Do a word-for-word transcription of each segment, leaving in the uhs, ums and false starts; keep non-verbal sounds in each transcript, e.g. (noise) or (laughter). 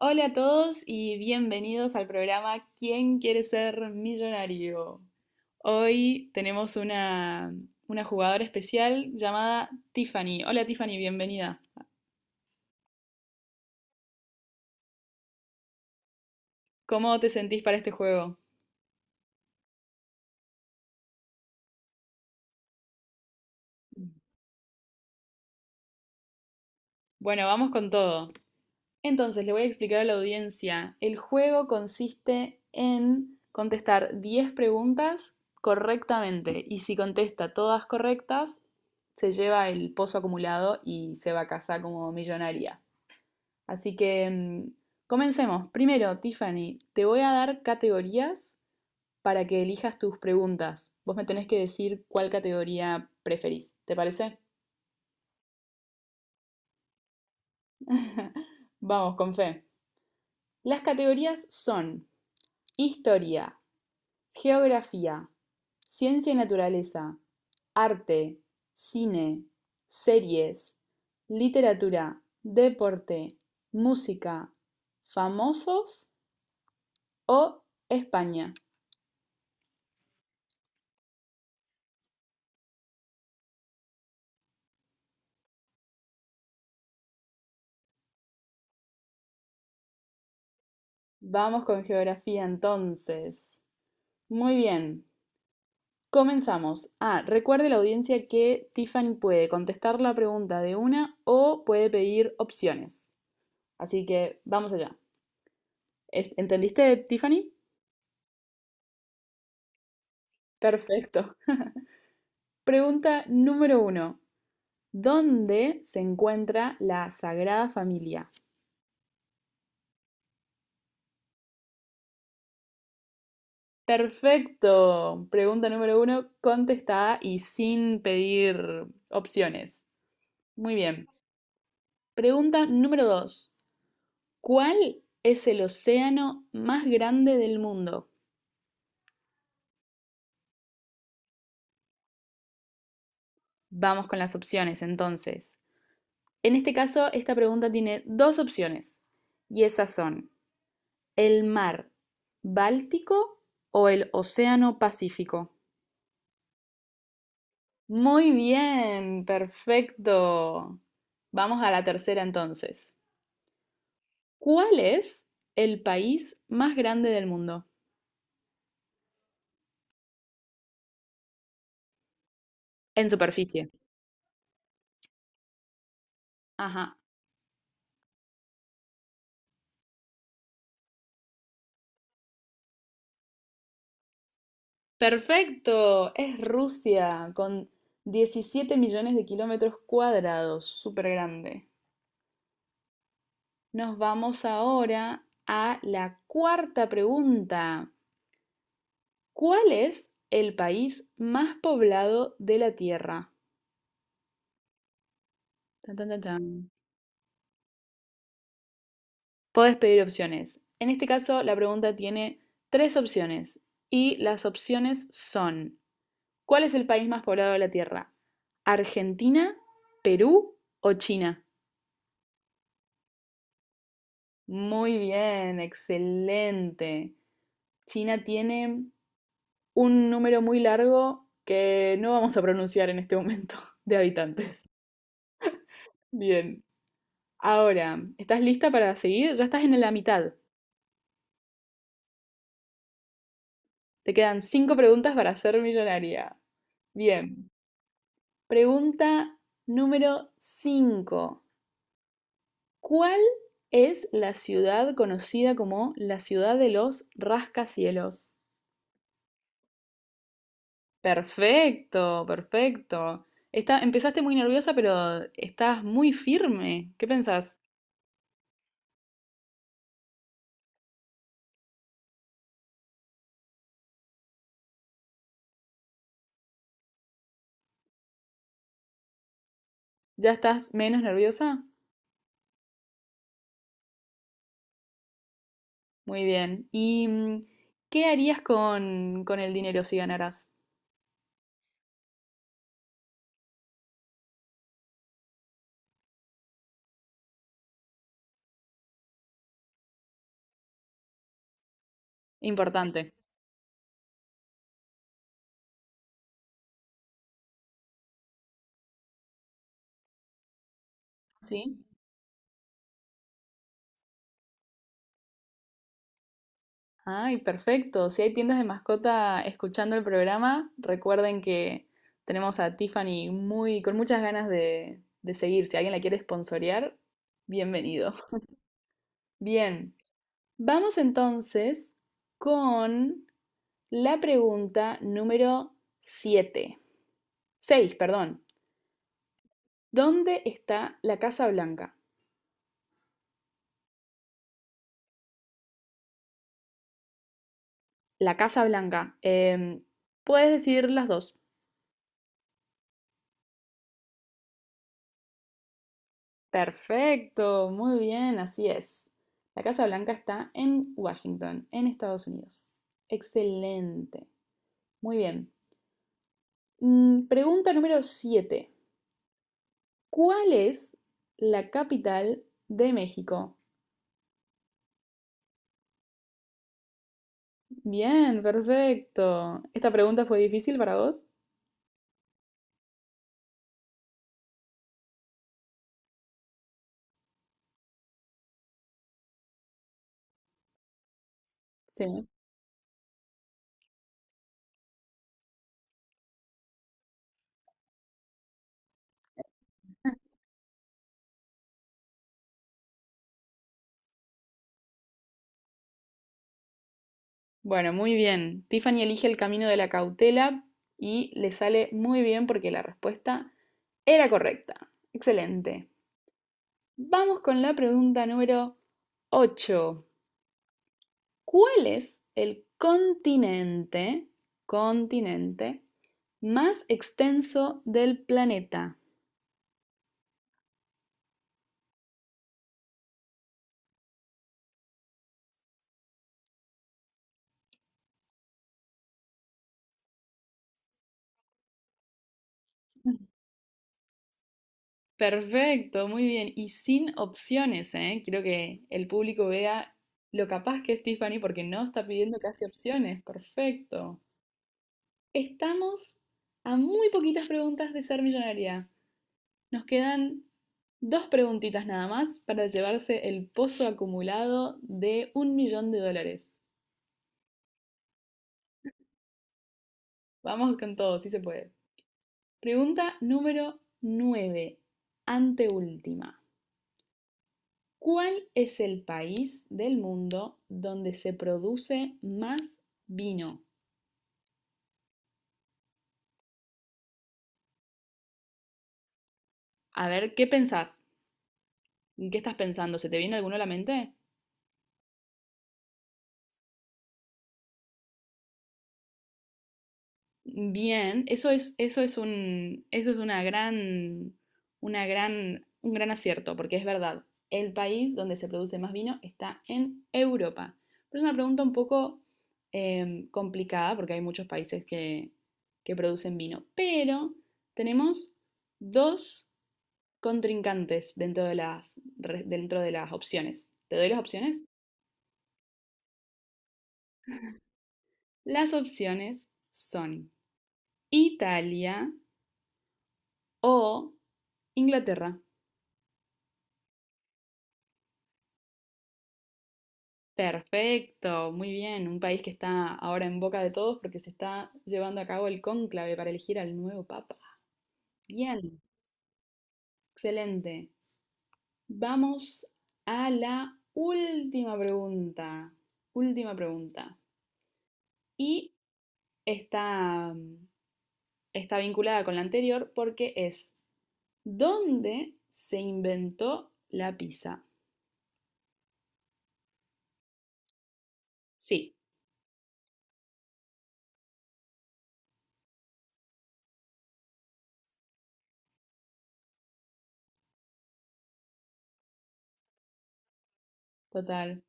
Hola a todos y bienvenidos al programa ¿Quién quiere ser millonario? Hoy tenemos una, una jugadora especial llamada Tiffany. Hola Tiffany, bienvenida. ¿Cómo te sentís para este juego? Bueno, vamos con todo. Entonces, le voy a explicar a la audiencia. El juego consiste en contestar diez preguntas correctamente y si contesta todas correctas, se lleva el pozo acumulado y se va a casa como millonaria. Así que mm, comencemos. Primero, Tiffany, te voy a dar categorías para que elijas tus preguntas. Vos me tenés que decir cuál categoría preferís. ¿Te parece? (laughs) Vamos, con fe. Las categorías son historia, geografía, ciencia y naturaleza, arte, cine, series, literatura, deporte, música, famosos o España. Vamos con geografía entonces. Muy bien, comenzamos. Ah, recuerde la audiencia que Tiffany puede contestar la pregunta de una o puede pedir opciones. Así que vamos allá. ¿Entendiste, Tiffany? Perfecto. Pregunta número uno. ¿Dónde se encuentra la Sagrada Familia? Perfecto. Pregunta número uno, contestada y sin pedir opciones. Muy bien. Pregunta número dos. ¿Cuál es el océano más grande del mundo? Vamos con las opciones entonces. En este caso, esta pregunta tiene dos opciones y esas son el mar Báltico o el océano Pacífico. Muy bien, perfecto. Vamos a la tercera entonces. ¿Cuál es el país más grande del mundo? En superficie. Ajá. Perfecto, es Rusia con diecisiete millones de kilómetros cuadrados, súper grande. Nos vamos ahora a la cuarta pregunta. ¿Cuál es el país más poblado de la Tierra? Tan, tan, tan, tan. Podés pedir opciones. En este caso, la pregunta tiene tres opciones y las opciones son, ¿cuál es el país más poblado de la Tierra? ¿Argentina, Perú o China? Muy bien, excelente. China tiene un número muy largo que no vamos a pronunciar en este momento (laughs) de habitantes. Bien. Ahora, ¿estás lista para seguir? Ya estás en la mitad. Te quedan cinco preguntas para ser millonaria. Bien. Pregunta número cinco. ¿Cuál es la ciudad conocida como la ciudad de los rascacielos? Perfecto, perfecto. Está, empezaste muy nerviosa, pero estás muy firme. ¿Qué pensás? ¿Ya estás menos nerviosa? Muy bien. ¿Y mm, qué harías con, con el dinero si ganaras? Importante. ¿Sí? Ay, perfecto. Si hay tiendas de mascota escuchando el programa, recuerden que tenemos a Tiffany muy, con muchas ganas de, de seguir. Si alguien la quiere sponsorear, bienvenido. (laughs) Bien, vamos entonces con la pregunta número siete, seis, perdón. ¿Dónde está la Casa Blanca? La Casa Blanca. Em, puedes decir las dos. Perfecto, muy bien, así es. La Casa Blanca está en Washington, en Estados Unidos. Excelente, muy bien. Mm, Pregunta número siete. ¿Cuál es la capital de México? Bien, perfecto. ¿Esta pregunta fue difícil para vos? Sí. Bueno, muy bien. Tiffany elige el camino de la cautela y le sale muy bien porque la respuesta era correcta. Excelente. Vamos con la pregunta número ocho. ¿Cuál es el continente, continente más extenso del planeta? Perfecto, muy bien. Y sin opciones, ¿eh? Quiero que el público vea lo capaz que es Tiffany porque no está pidiendo casi opciones. Perfecto. Estamos a muy poquitas preguntas de ser millonaria. Nos quedan dos preguntitas nada más para llevarse el pozo acumulado de un millón de dólares. Vamos con todo, sí se puede. Pregunta número nueve, anteúltima. ¿Cuál es el país del mundo donde se produce más vino? A ver, ¿qué pensás? ¿En qué estás pensando? ¿Se te viene alguno a la mente? Bien, eso es, eso es un, eso es una gran, una gran, un gran acierto, porque es verdad, el país donde se produce más vino está en Europa. Pero es una pregunta un poco em, complicada, porque hay muchos países que, que producen vino. Pero tenemos dos contrincantes dentro de las, re- dentro de las opciones. ¿Te doy las opciones? Las opciones son Italia o Inglaterra. Perfecto, muy bien. Un país que está ahora en boca de todos porque se está llevando a cabo el cónclave para elegir al nuevo papa. Bien, excelente. Vamos a la última pregunta. Última pregunta. Y está, está vinculada con la anterior porque es, ¿dónde se inventó la pizza? Sí, total.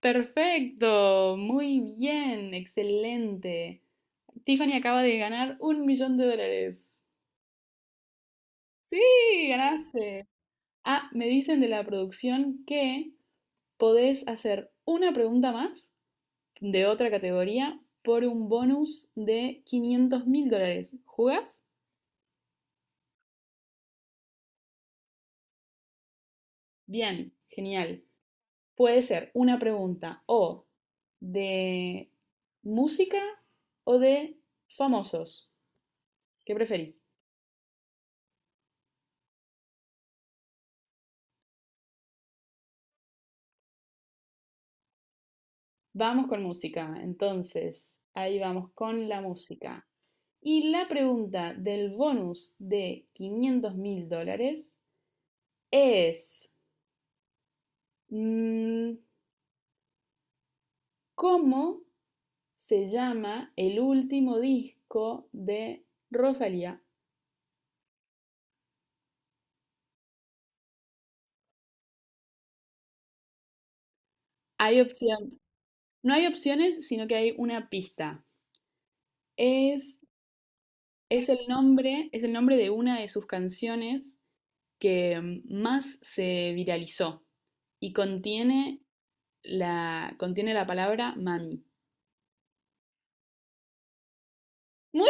Perfecto, muy bien, excelente. Tiffany acaba de ganar un millón de dólares. Sí, ganaste. Ah, me dicen de la producción que podés hacer una pregunta más de otra categoría por un bonus de quinientos mil dólares. ¿Jugás? Bien, genial. Puede ser una pregunta o de música o de famosos. ¿Qué preferís? Vamos con música. Entonces, ahí vamos con la música. Y la pregunta del bonus de 500 mil dólares es, mm, ¿cómo se llama el último disco de Rosalía? Hay opción, no hay opciones, sino que hay una pista. Es, es el nombre, es el nombre de una de sus canciones que mm, más se viralizó y contiene la, contiene la palabra mami. Muy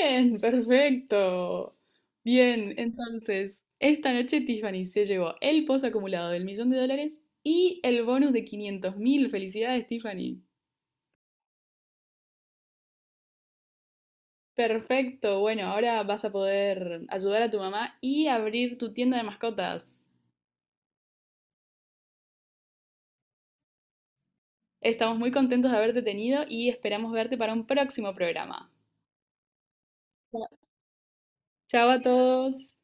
bien, perfecto. Bien, entonces, esta noche Tiffany se llevó el pozo acumulado del millón de dólares y el bonus de quinientos mil. Felicidades, Tiffany. Perfecto, bueno, ahora vas a poder ayudar a tu mamá y abrir tu tienda de mascotas. Estamos muy contentos de haberte tenido y esperamos verte para un próximo programa. Chao a todos.